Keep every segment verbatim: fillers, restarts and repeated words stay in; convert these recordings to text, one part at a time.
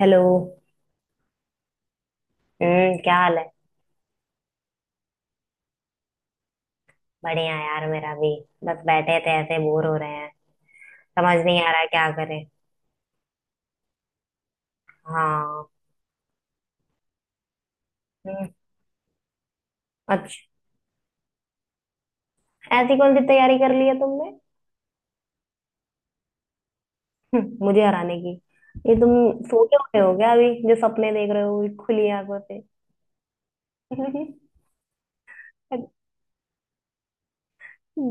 Hello. हम्म। क्या हाल है। बढ़िया यार मेरा भी। बस बैठे थे ऐसे बोर हो रहे हैं। समझ नहीं आ रहा है क्या करें। हाँ। हम्म। अच्छा। ऐसी कौन सी तैयारी कर ली है तुमने। हम्म, मुझे हराने की। ये तुम सो के उठे हो क्या अभी जो सपने देख रहे हो ये खुली आंखों से।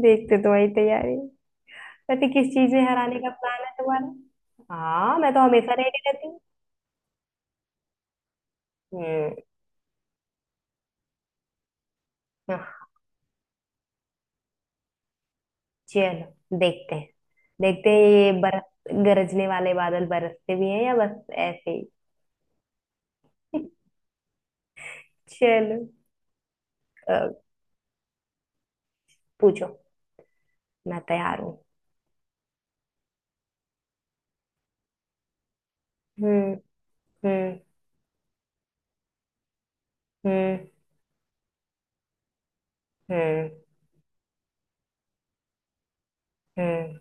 देखते तुम्हारी तैयारी। वैसे किस चीज में हराने का प्लान है तुम्हारा। हाँ, मैं तो हमेशा रेडी रहती हूँ। हम्म। चलो देखते हैं। देखते हैं ये बरस गरजने वाले बादल बरसते भी हैं या बस ऐसे ही। चलो। अ, पूछो। मैं तैयार हूँ। हम्म। हम्म। हम्म। हम्म। हम्म।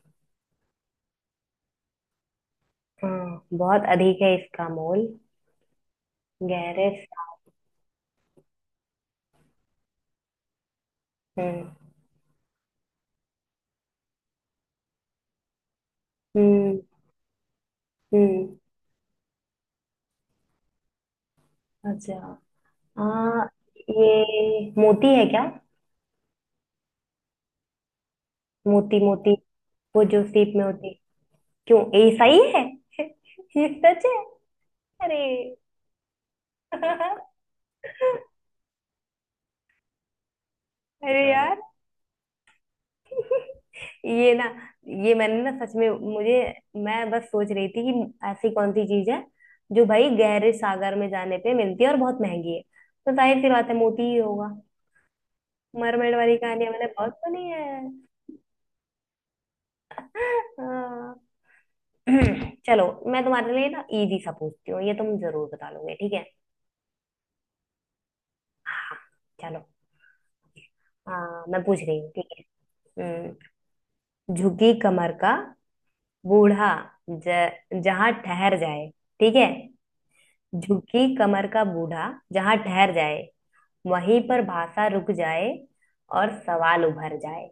हाँ, बहुत अधिक है इसका मोल। गहरे सा- हम्म। हम्म। हम्म। अच्छा। हाँ। ये मोती है क्या। मोती मोती वो जो सीप में होती है। क्यों, ये सही है। ये सच है। अरे। अरे यार। ये ना, ये मैंने ना सच में, मुझे, मैं बस सोच रही थी कि ऐसी कौन सी चीज है जो भाई गहरे सागर में जाने पे मिलती है और बहुत महंगी है तो जाहिर सी बात है मोती ही होगा। मरमेड वाली कहानियां मैंने बहुत सुनी है। हाँ। चलो, मैं तुम्हारे लिए ना इजी सा पूछती हूँ, ये तुम जरूर बता लोगे, ठीक है। हाँ। चलो। हाँ, मैं पूछ रही हूँ ठीक है। हम्म, झुकी कमर का बूढ़ा, ज, जहां ठहर जाए, ठीक है। झुकी कमर का बूढ़ा जहां ठहर जाए, वहीं पर भाषा रुक जाए और सवाल उभर जाए।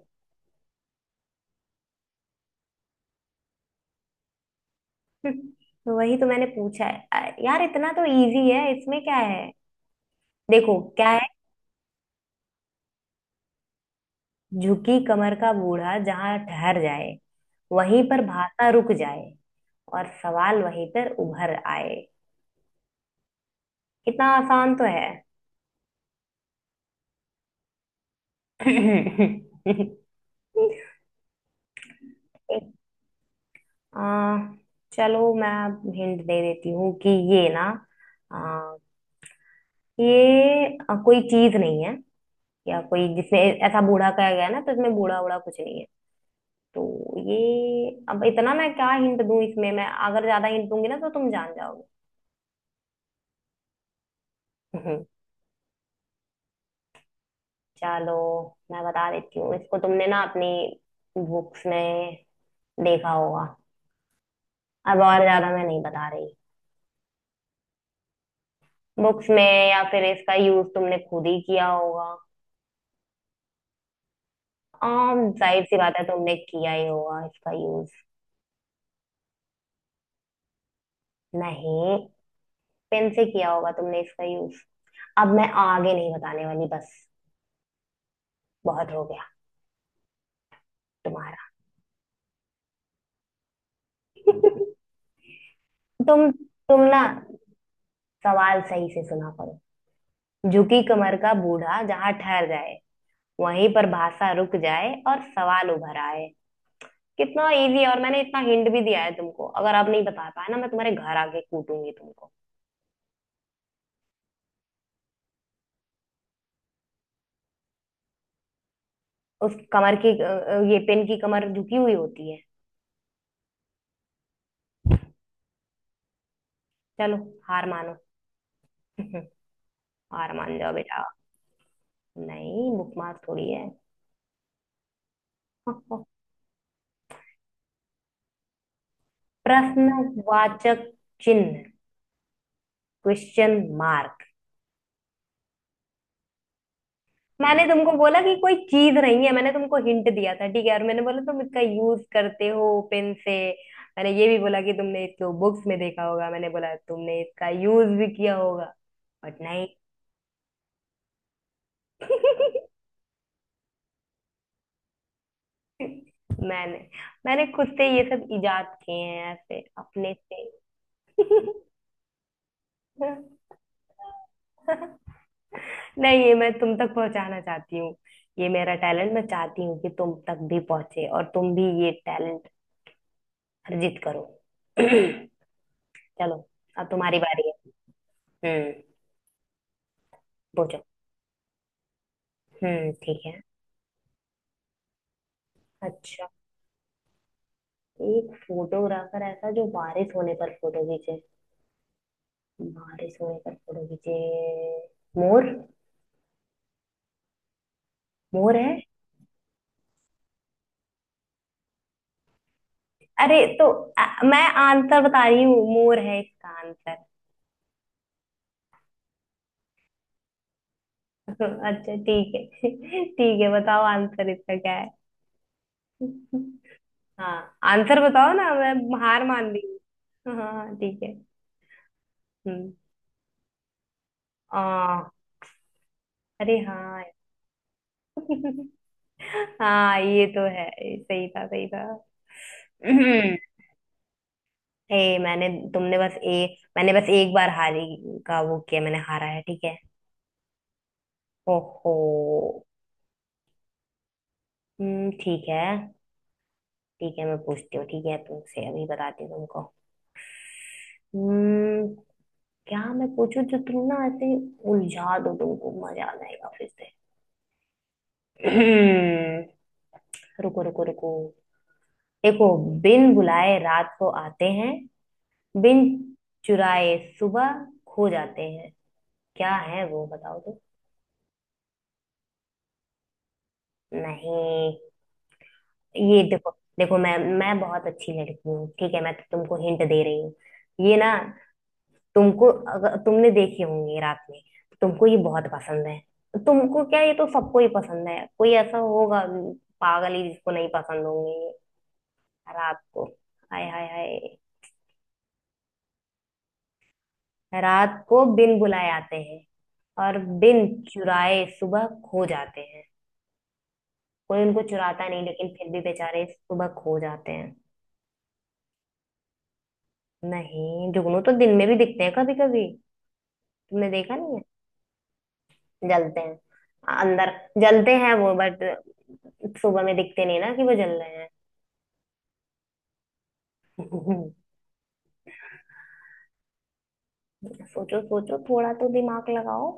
तो वही तो मैंने पूछा है अ, यार, इतना तो इजी है, इसमें क्या है। देखो क्या है। झुकी कमर का बूढ़ा जहां ठहर जाए, वहीं पर भाषा रुक जाए और सवाल वहीं पर उभर आए। कितना आसान तो है। एक- आ, चलो मैं हिंट दे देती हूँ कि ये ना, आ, ये अ, कोई चीज नहीं है या कोई जिसने, ऐसा बूढ़ा कहा गया है ना तो इसमें बूढ़ा बूढ़ा कुछ नहीं है। तो ये, अब इतना मैं क्या हिंट दूं, इसमें मैं अगर ज्यादा हिंट दूंगी ना तो तुम जान जाओगे। हम्म, चलो मैं बता देती हूँ, इसको तुमने ना अपनी बुक्स में देखा होगा। अब और ज्यादा मैं नहीं बता रही। बुक्स में, या फिर इसका यूज तुमने खुद ही किया होगा। आम, जाहिर सी बात है तुमने किया ही होगा इसका यूज। नहीं, पेन से किया होगा तुमने इसका यूज। अब मैं आगे नहीं बताने वाली, बस बहुत हो गया तुम्हारा। तुम तुम ना, सवाल सही से सुना करो। झुकी कमर का बूढ़ा जहां ठहर जाए, वहीं पर भाषा रुक जाए और सवाल उभर आए। कितना इजी है, और मैंने इतना हिंट भी दिया है तुमको। अगर आप नहीं बता पाए ना, मैं तुम्हारे घर आके कूटूंगी तुमको। उस कमर की, अ, अ, ये पेन की कमर झुकी हुई होती है। चलो हार मानो। हार मान जाओ बेटा। नहीं, बुक मार थोड़ी है। प्रश्नवाचक चिन्ह। Question mark. मैंने तुमको बोला कि कोई चीज नहीं है, मैंने तुमको हिंट दिया था ठीक है, और मैंने बोला तुम इसका यूज करते हो पेन से। मैंने ये भी बोला कि तुमने इसको बुक्स में देखा होगा, मैंने बोला तुमने इसका यूज भी किया होगा। बट नहीं। मैंने मैंने खुद से ये सब इजाद किए हैं, ऐसे अपने से। नहीं, ये मैं तुम तक पहुंचाना चाहती हूँ। ये मेरा टैलेंट, मैं चाहती हूँ कि तुम तक भी पहुंचे और तुम भी ये टैलेंट अर्जित करो। चलो अब तुम्हारी बारी है। हम्म। पूछो। हम्म, ठीक है। अच्छा। एक फोटोग्राफर ऐसा जो बारिश होने पर फोटो खींचे। बारिश होने पर फोटो खींचे। मोर। मोर है। अरे तो, अ, मैं आंसर बता रही हूँ, मोर है इसका आंसर। अच्छा ठीक है। ठीक है, बताओ आंसर इसका क्या है। हाँ, आंसर बताओ ना, मैं हार मान ली। हाँ, हाँ, हाँ, ठीक है। हम्म। आ, अरे हाँ। हाँ ये तो है। सही था, सही था। ए मैंने, तुमने बस, ए मैंने बस एक बार हारी का वो किया, मैंने हारा है ठीक है। ओहो। हम्म, ठीक है। ठीक है, मैं पूछती हूँ ठीक है, तुमसे अभी बताती हूँ तुमको। हम्म। क्या मैं पूछूं जो तुम ना ऐसे, उलझा दो तुमको मजा आ जाएगा फिर से। हम्म, रुको रुको रुको। देखो, बिन बुलाए रात को आते हैं, बिन चुराए सुबह खो जाते हैं। क्या है वो, बताओ तो। नहीं। ये देखो। देखो, मैं मैं बहुत अच्छी लड़की हूँ ठीक है, मैं तो तुमको हिंट दे रही हूँ। ये ना, तुमको, अगर तुमने देखी होंगी रात में, तुमको ये बहुत पसंद है। तुमको क्या, ये तो सबको ही पसंद है, कोई ऐसा होगा पागल ही जिसको नहीं पसंद होंगे ये। रात को, हाय हाय हाय। रात को बिन बुलाए आते हैं, और बिन चुराए सुबह खो जाते हैं। कोई उनको चुराता नहीं लेकिन फिर भी बेचारे सुबह खो जाते हैं। नहीं, जुगनू तो दिन में भी दिखते हैं कभी कभी, तुमने देखा नहीं है। जलते हैं अंदर, जलते हैं वो बट सुबह में दिखते नहीं ना कि वो जल रहे हैं। सोचो सोचो, थोड़ा तो दिमाग लगाओ।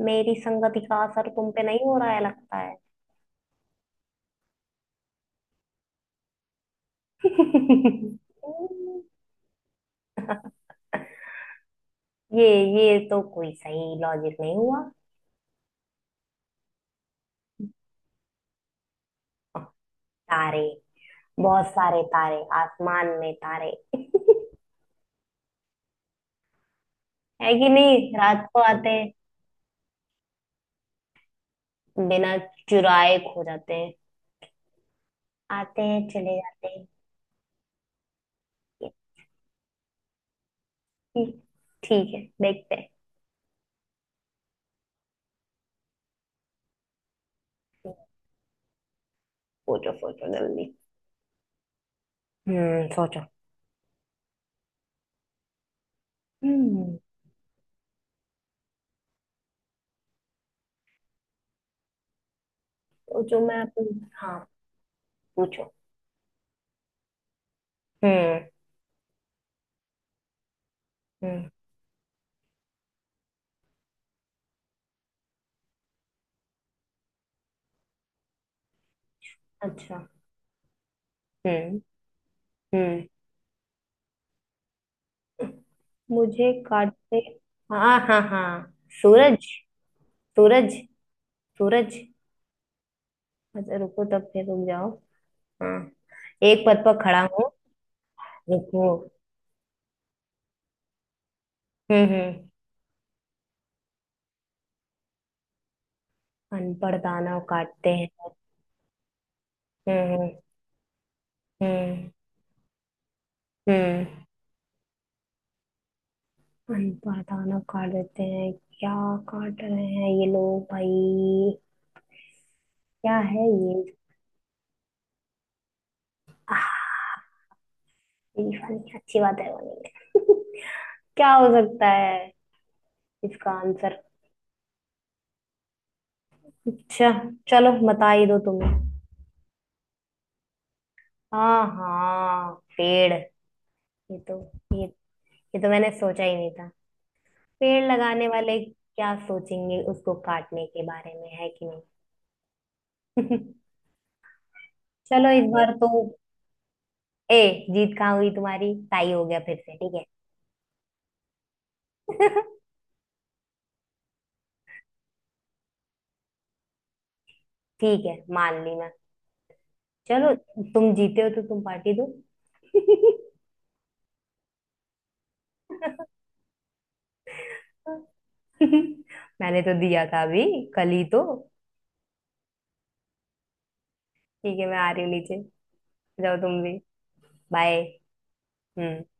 मेरी संगति का असर तुम पे नहीं हो रहा है लगता है। ये ये तो कोई सही लॉजिक नहीं हुआ। तारे, बहुत सारे तारे, आसमान में तारे। है कि नहीं, रात को आते हैं, बिना चुराए खो जाते हैं, आते हैं चले जाते हैं। ठीक, ठीक है देखते हैं। सोचो सोचो जल्दी। हम्म, सोचो। हम्म, सोचो, मैं अपनी, हाँ पूछो। हम्म। हम्म। अच्छा। हम्म। हम्म। मुझे काटते। हाँ हाँ हाँ, सूरज। सूरज। सूरज। अच्छा रुको, तब फिर रुक जाओ। हाँ, एक पद पर खड़ा हूँ। रुको। हम्म। हम्म। अनपढ़ दानव काटते हैं। हम्म। हम्म। हम्म। अनपढ़ दानव काट देते हैं। क्या काट रहे हैं ये लोग भाई, क्या है ये। आह, ये वाली अच्छी बात है वाली। क्या हो सकता है इसका आंसर। अच्छा चलो बता ही दो तुम्हें। हाँ हाँ, पेड़। ये तो, ये ये तो मैंने सोचा ही नहीं था। पेड़ लगाने वाले क्या सोचेंगे उसको काटने के बारे में, है कि नहीं। चलो इस बार तो, ए जीत कहाँ हुई तुम्हारी, टाई हो गया फिर से ठीक है। ठीक है मान ली मैं। चलो, तुम जीते हो तो तुम पार्टी दो। मैंने तो दिया था अभी, कल ही तो। ठीक है, मैं आ रही हूँ नीचे। जाओ तुम भी। बाय। हम्म।